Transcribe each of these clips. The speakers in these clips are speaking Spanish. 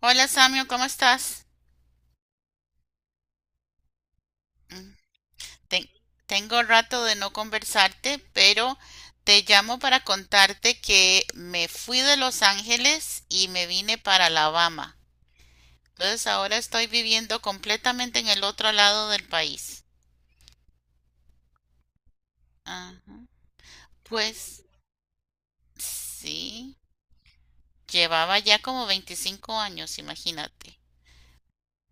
Hola Samio, ¿cómo estás? Mm, ten- Tengo rato de no conversarte, pero te llamo para contarte que me fui de Los Ángeles y me vine para Alabama. Entonces ahora estoy viviendo completamente en el otro lado del país. Ajá. Pues sí, llevaba ya como 25 años, imagínate.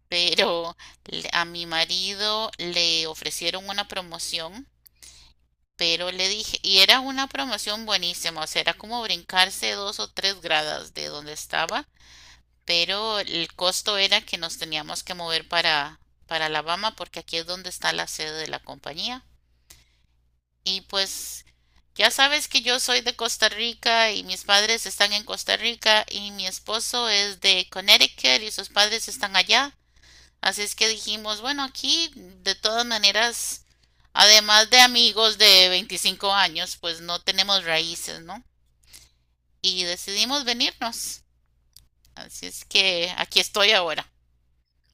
Pero a mi marido le ofrecieron una promoción. Pero le dije, y era una promoción buenísima, o sea, era como brincarse dos o tres gradas de donde estaba, pero el costo era que nos teníamos que mover para Alabama porque aquí es donde está la sede de la compañía. Y pues ya sabes que yo soy de Costa Rica y mis padres están en Costa Rica y mi esposo es de Connecticut y sus padres están allá. Así es que dijimos, bueno, aquí de todas maneras, además de amigos de 25 años, pues no tenemos raíces, ¿no? Y decidimos venirnos. Así es que aquí estoy ahora,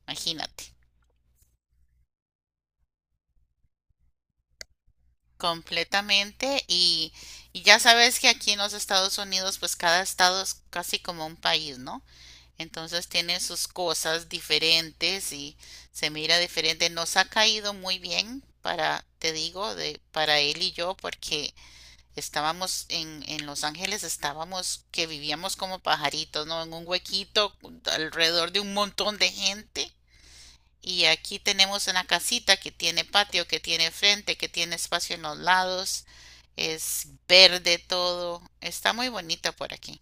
imagínate, completamente. Y ya sabes que aquí en los Estados Unidos, pues cada estado es casi como un país, ¿no? Entonces tiene sus cosas diferentes y se mira diferente. Nos ha caído muy bien para, te digo, para él y yo, porque estábamos en Los Ángeles, estábamos que vivíamos como pajaritos, ¿no? En un huequito alrededor de un montón de gente. Y aquí tenemos una casita que tiene patio, que tiene frente, que tiene espacio en los lados. Es verde todo. Está muy bonita por aquí.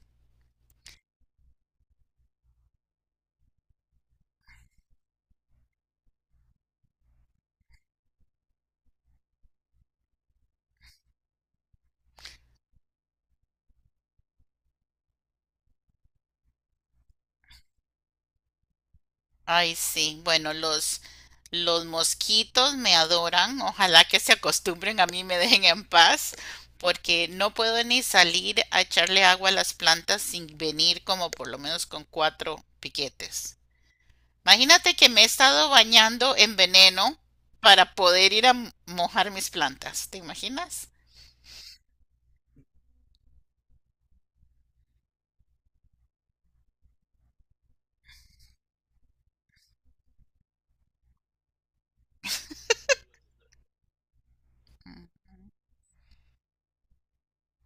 Ay, sí. Bueno, los mosquitos me adoran. Ojalá que se acostumbren a mí y me dejen en paz, porque no puedo ni salir a echarle agua a las plantas sin venir como por lo menos con cuatro piquetes. Imagínate que me he estado bañando en veneno para poder ir a mojar mis plantas. ¿Te imaginas?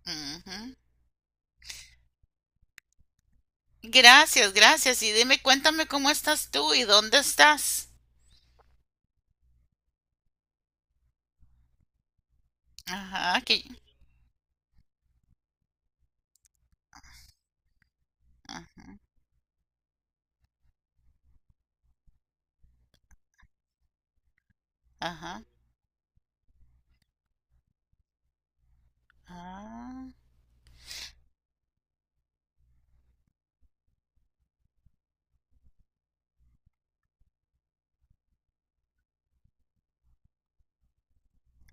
Ujú. Gracias, gracias. Y dime, cuéntame cómo estás tú y dónde estás. Ajá, que... Ajá, ajá. Ah,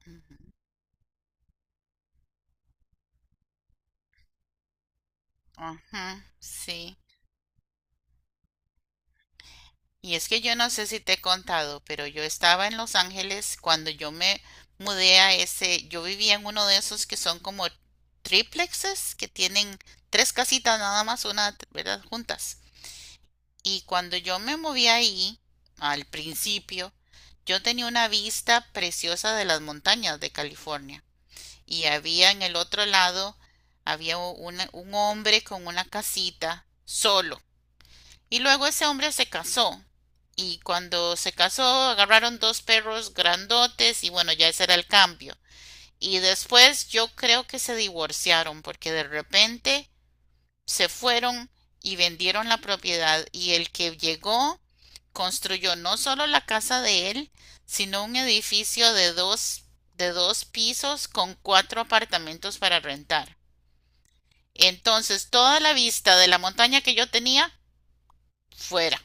ujú, ajá, sí. Y es que yo no sé si te he contado, pero yo estaba en Los Ángeles cuando yo me mudé a ese, yo vivía en uno de esos que son como triplexes, que tienen tres casitas nada más, una, ¿verdad? Juntas. Y cuando yo me moví ahí, al principio, yo tenía una vista preciosa de las montañas de California. Y había en el otro lado, había un hombre con una casita solo. Y luego ese hombre se casó. Y cuando se casó, agarraron dos perros grandotes y bueno, ya ese era el cambio. Y después yo creo que se divorciaron porque de repente se fueron y vendieron la propiedad y el que llegó construyó no solo la casa de él, sino un edificio de dos pisos con cuatro apartamentos para rentar. Entonces toda la vista de la montaña que yo tenía fuera.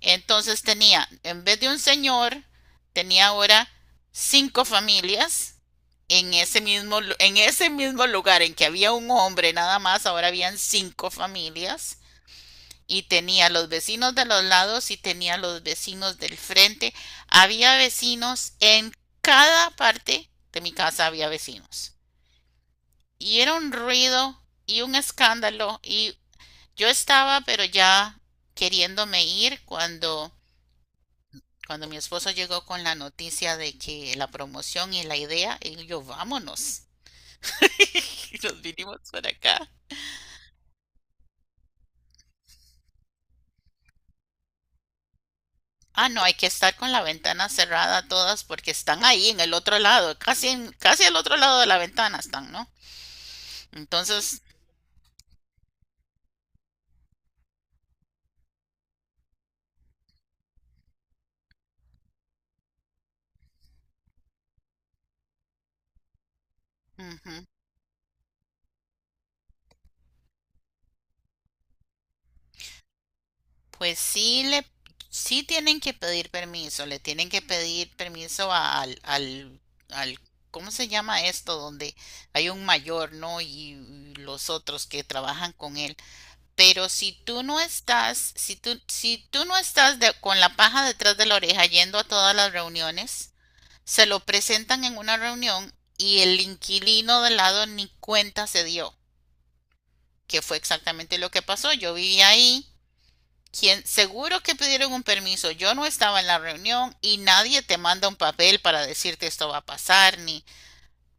Entonces tenía, en vez de un señor, tenía ahora cinco familias en ese mismo lugar en que había un hombre nada más, ahora habían cinco familias y tenía los vecinos de los lados y tenía los vecinos del frente. Había vecinos en cada parte de mi casa había vecinos. Y era un ruido y un escándalo y yo estaba pero ya queriéndome ir cuando mi esposo llegó con la noticia de que la promoción y la idea, y yo, vámonos. Y nos vinimos para acá. Ah, no, hay que estar con la ventana cerrada todas porque están ahí en el otro lado, casi al otro lado de la ventana están, ¿no? Entonces, ujú, pues sí tienen que pedir permiso, le tienen que pedir permiso al, ¿cómo se llama esto? Donde hay un mayor, ¿no? Y los otros que trabajan con él. Pero si tú no estás, si tú no estás con la paja detrás de la oreja yendo a todas las reuniones, se lo presentan en una reunión y el inquilino de lado ni cuenta se dio, que fue exactamente lo que pasó. Yo vivía ahí, quien, seguro que pidieron un permiso, yo no estaba en la reunión y nadie te manda un papel para decirte esto va a pasar, ni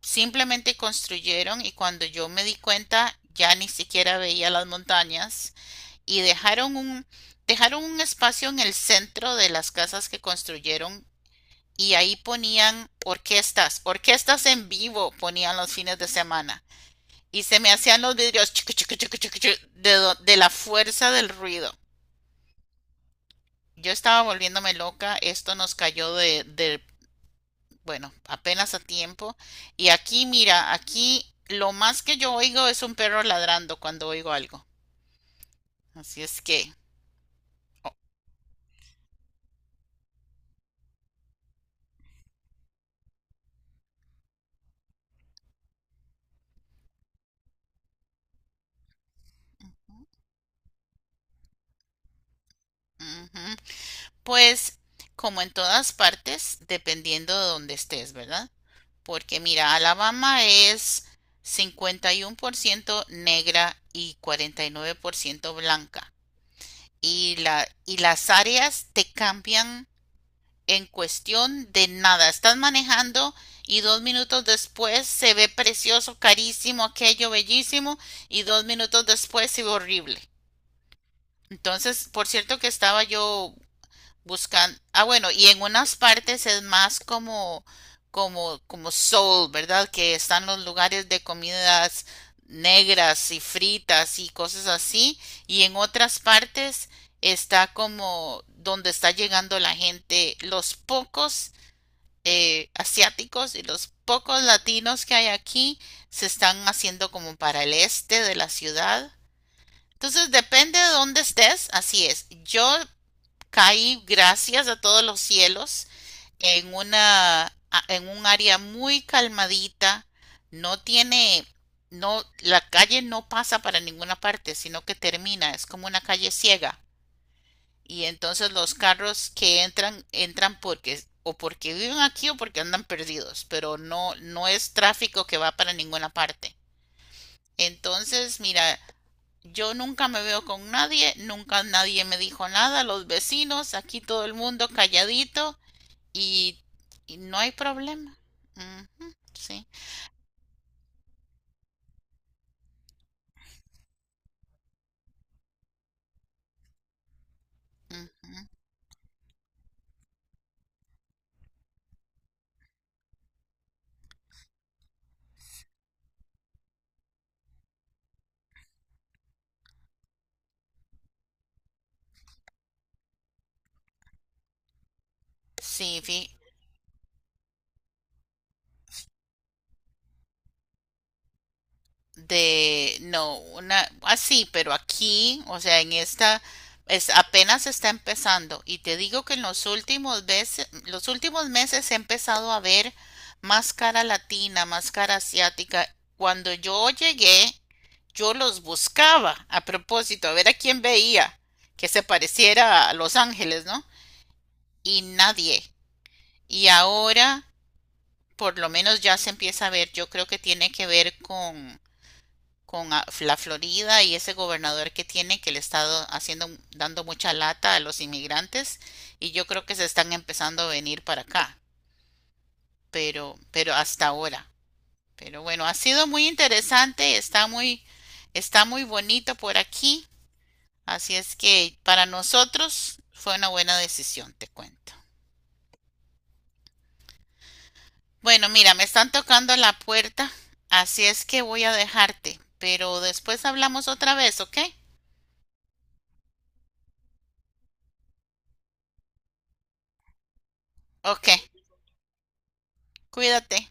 simplemente construyeron y cuando yo me di cuenta ya ni siquiera veía las montañas y dejaron un espacio en el centro de las casas que construyeron y ahí ponían orquestas, orquestas en vivo ponían los fines de semana y se me hacían los vidrios chucu, chucu, chucu, chucu, de la fuerza del ruido. Yo estaba volviéndome loca, esto nos cayó bueno, apenas a tiempo. Y aquí, mira, aquí lo más que yo oigo es un perro ladrando cuando oigo algo. Así es que, ujú. Pues como en todas partes, dependiendo de donde estés, ¿verdad? Porque mira, Alabama es 51% negra y 49% blanca. Y las áreas te cambian en cuestión de nada. Estás manejando y 2 minutos después se ve precioso, carísimo, aquello bellísimo y 2 minutos después se ve horrible. Entonces, por cierto que estaba yo buscan, ah, bueno, y en unas partes es más como soul, ¿verdad? Que están los lugares de comidas negras y fritas y cosas así, y en otras partes está como donde está llegando la gente, los pocos asiáticos y los pocos latinos que hay aquí se están haciendo como para el este de la ciudad. Entonces depende de dónde estés, así es. Yo caí gracias a todos los cielos en en un área muy calmadita, no tiene no la calle no pasa para ninguna parte, sino que termina, es como una calle ciega y entonces los carros que entran entran porque o porque viven aquí o porque andan perdidos, pero no no es tráfico que va para ninguna parte. Entonces, mira, yo nunca me veo con nadie, nunca nadie me dijo nada, los vecinos, aquí todo el mundo calladito y, y no hay problema. Ujú, sí, ujú. Sí, de, no, una, así, pero aquí, o sea, en esta, es, apenas está empezando. Y te digo que en los últimos veces, los últimos meses he empezado a ver más cara latina, más cara asiática. Cuando yo llegué, yo los buscaba a propósito, a ver a quién veía que se pareciera a Los Ángeles, ¿no? Y nadie. Y ahora, por lo menos ya se empieza a ver, yo creo que tiene que ver con la Florida y ese gobernador que tiene que le está haciendo dando mucha lata a los inmigrantes y yo creo que se están empezando a venir para acá, pero hasta ahora. Pero bueno, ha sido muy interesante, está muy bonito por aquí, así es que para nosotros fue una buena decisión, te cuento. Bueno, mira, me están tocando la puerta, así es que voy a dejarte, pero después hablamos otra vez, ¿ok? Ok, cuídate.